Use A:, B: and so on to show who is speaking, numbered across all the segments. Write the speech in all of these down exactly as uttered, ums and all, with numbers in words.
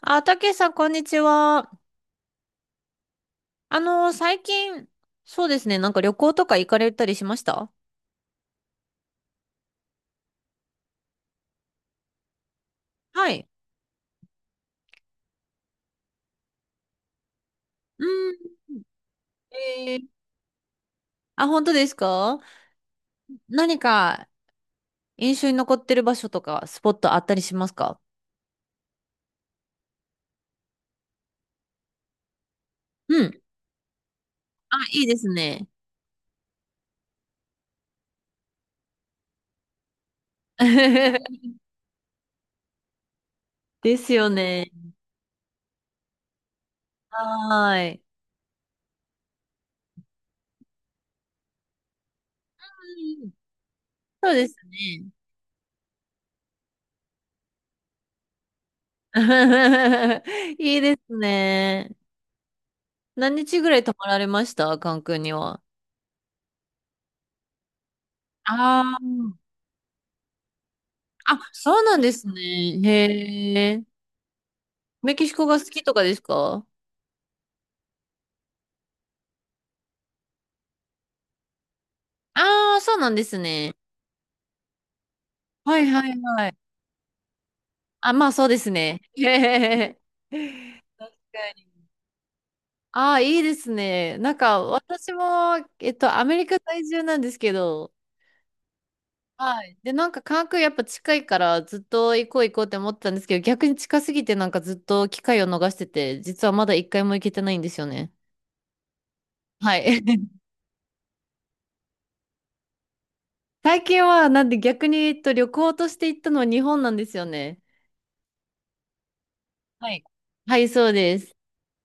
A: あ、たけしさん、こんにちは。あの、最近、そうですね、なんか旅行とか行かれたりしました？はい。うん。えー、あ、本当ですか？何か印象に残ってる場所とか、スポットあったりしますか？うん。あ、いいですね。ですよね。はーい。うん。そうですね。いいですね。何日ぐらい泊まられました、関空には？ああ、あ、そうなんですね。へえ。メキシコが好きとかですか？ああー、そうなんですね。はいはいはい。あ、まあそうですね。へへへへ。ああ、いいですね。なんか私も、えっと、アメリカ在住なんですけど、はい。で、なんか関空やっぱ近いからずっと行こう行こうって思ってたんですけど、逆に近すぎてなんかずっと機会を逃してて、実はまだ一回も行けてないんですよね。はい。最近はなんで逆に、えっと、旅行として行ったのは日本なんですよね。はい。はい、そうです。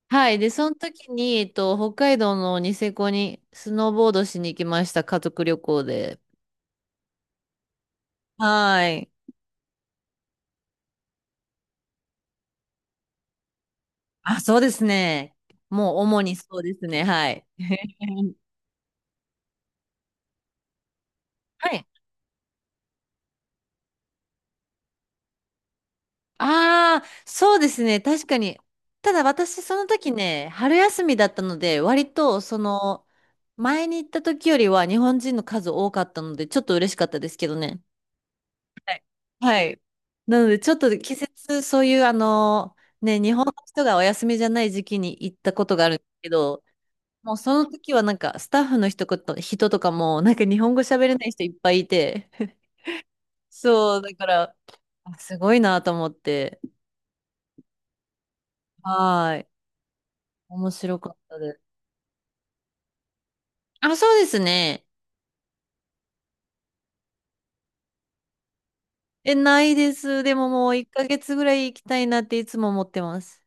A: はい。で、その時に、えっと、北海道のニセコにスノーボードしに行きました。家族旅行で。はい。あ、そうですね。もう主にそうですね。はい。はい。ああ、そうですね。確かに。ただ私、その時ね、春休みだったので、割と、その、前に行った時よりは日本人の数多かったので、ちょっと嬉しかったですけどね。はいはい。なので、ちょっと季節、そういう、あの、ね、日本の人がお休みじゃない時期に行ったことがあるんですけど、もうその時はなんか、スタッフの人こと、人とかも、なんか日本語喋れない人いっぱいいて、そう、だから、あすごいなと思って、はい。面白かったです。あ、そうですね。え、ないです。でももういっかげつぐらい行きたいなっていつも思ってます。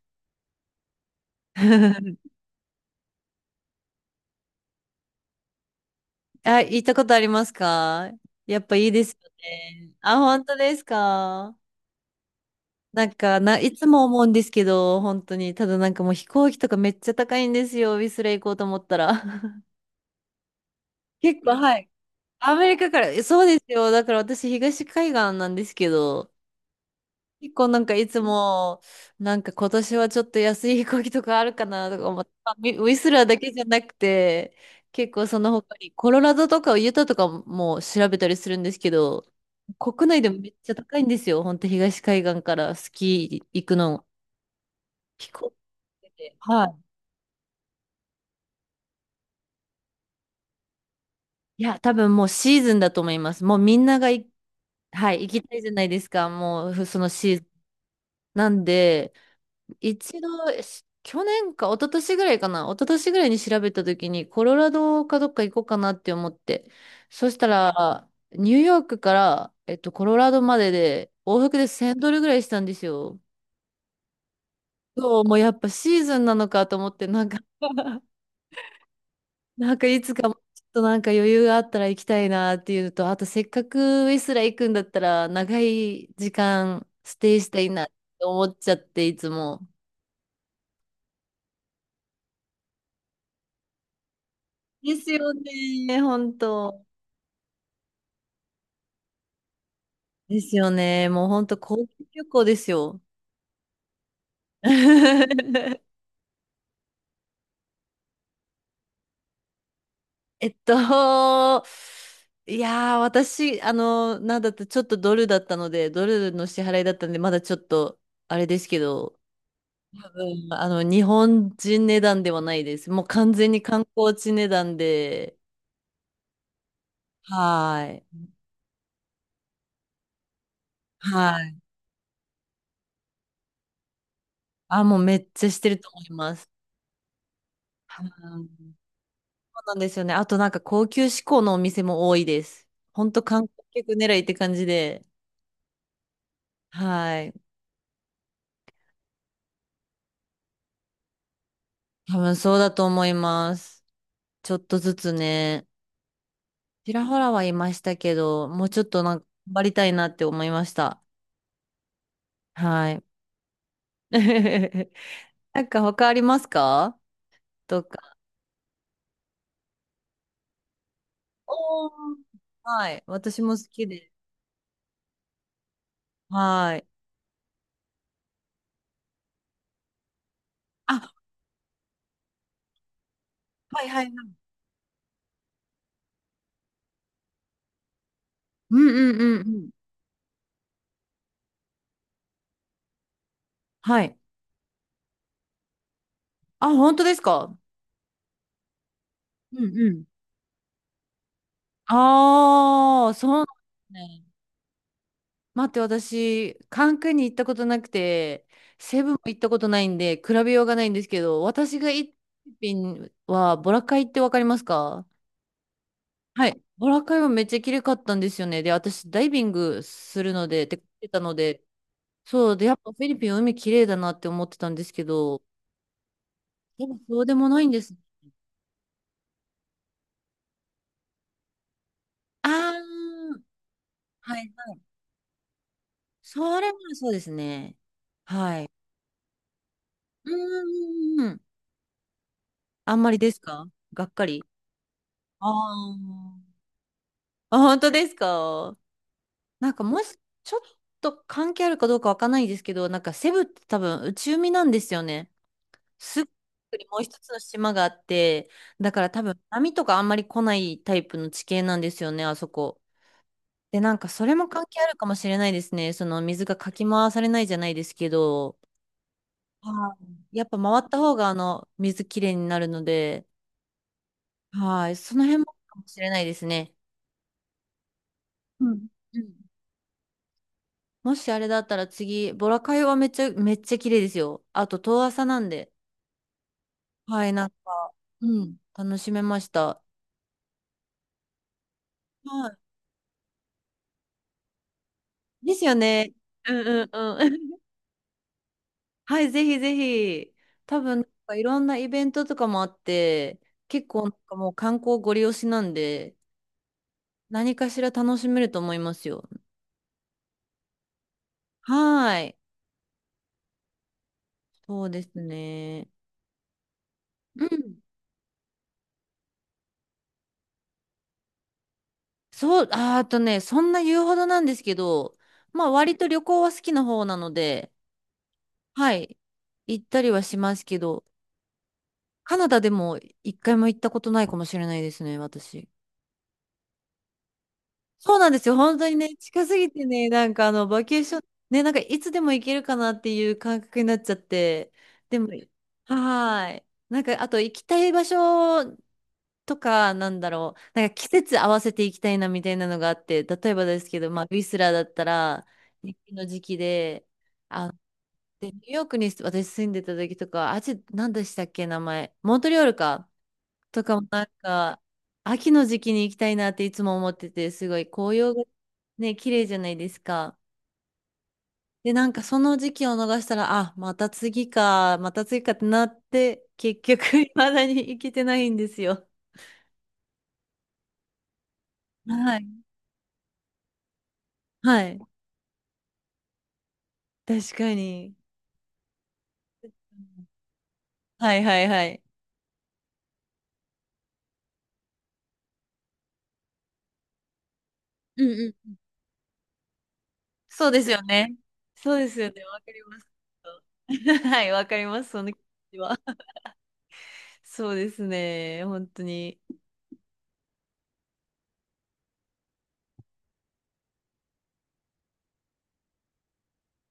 A: あ、行ったことありますか？やっぱいいですよね。あ、本当ですか？なんか、な、いつも思うんですけど、本当に。ただなんかもう飛行機とかめっちゃ高いんですよ。ウィスレ行こうと思ったら。結構、はい。アメリカから、そうですよ。だから私、東海岸なんですけど、結構なんかいつも、なんか今年はちょっと安い飛行機とかあるかなとか思って、まあウィウィスラーだけじゃなくて、結構その他にコロラドとかユタとかも調べたりするんですけど、国内でもめっちゃ高いんですよ。本当東海岸からスキー行くの。飛行機で。はい。いや、多分もうシーズンだと思います。もうみんながい、はい、行きたいじゃないですか。もうそのシーズン。なんで、一度、し去年か、一昨年ぐらいかな、一昨年ぐらいに調べたときに、コロラドかどっか行こうかなって思って、そしたら、ニューヨークから、えっと、コロラドまでで、往復でせんドルぐらいしたんですよ。そう、もうやっぱシーズンなのかと思って、なんか なんかいつかもうちょっとなんか余裕があったら行きたいなっていうのと、あとせっかくウィスラ行くんだったら、長い時間ステイしたいなって思っちゃって、いつも。ですよね、本当。ですよね。もうほんと高級旅行ですよ。えっと、いやー、私、あの、なんだってちょっとドルだったので、ドルの支払いだったんで、まだちょっと、あれですけど、多分、あの、日本人値段ではないです。もう完全に観光地値段で、はーい。はい。あ、もうめっちゃしてると思います。うん。そうなんですよね。あとなんか高級志向のお店も多いです。ほんと観光客狙いって感じで、はい。多分そうだと思います。ちょっとずつね、ちらほらはいましたけど、もうちょっとなんか頑張りたいなって思いました。はい。なんか他ありますか？とか。おー、はい。私も好きで。はい。あ、はいはいはい。うんうんうんうん。はい。あ、本当ですか？うんうん。ああ、そうなんですね。待って、私、カンクンに行ったことなくて、セブンも行ったことないんで、比べようがないんですけど、私が行ったフィリピンは、ボラカイってわかりますか？はい。ボラカイはめっちゃ綺麗かったんですよね。で、私、ダイビングするので、って言ってたので、そうで、やっぱフィリピン海綺麗だなって思ってたんですけど、でもそうでもないんです。あー、はい。それもそうですね。はい。うーん。あんまりですか？がっかり。ああ。あ、本当ですか？なんかもし、ちょっと関係あるかどうかわかんないですけど、なんかセブって多分内海なんですよね。すぐにもう一つの島があって、だから多分波とかあんまり来ないタイプの地形なんですよね、あそこ。で、なんかそれも関係あるかもしれないですね。その水がかき回されないじゃないですけど、はい。やっぱ回った方があの水きれいになるので、はい、その辺もかもしれないですね。うん。うん。もしあれだったら次、ボラカイはめっちゃ、めっちゃ綺麗ですよ。あと、遠浅なんで。はい、なんか、うん、楽しめました。はい。ですよね。うんうんうん。はい、ぜひぜひ。多分、なんかいろんなイベントとかもあって、結構なんかもう観光ご利用しなんで、何かしら楽しめると思いますよ。はい。そうですね。うん。そう、あーあとね、そんな言うほどなんですけど、まあ割と旅行は好きな方なので、はい。行ったりはしますけど、カナダでも一回も行ったことないかもしれないですね、私。そうなんですよ。本当にね、近すぎてね、なんかあの、バケーション、ね、なんかいつでも行けるかなっていう感覚になっちゃって、でも、はーい。なんか、あと行きたい場所とか、なんだろう、なんか季節合わせて行きたいなみたいなのがあって、例えばですけど、まあ、ウィスラーだったら、雪の時期で、あ、で、ニューヨークに私住んでた時とか、あっ、何でしたっけ、名前。モントリオールか。とかもなんか、秋の時期に行きたいなっていつも思ってて、すごい紅葉がね、綺麗じゃないですか。で、なんかその時期を逃したら、あ、また次か、また次かってなって、結局 未だに行けてないんですよ。はい。はい。確かに。はいはいはい。うんうん。そうですよね。そうですよね。わかります。はい、わかります。その気持ちは。そうですね。本当に。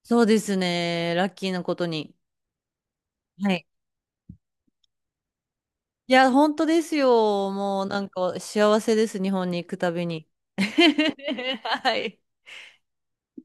A: そうですね。ラッキーなことに。はい。いや、本当ですよ。もうなんか幸せです。日本に行くたびに。はい。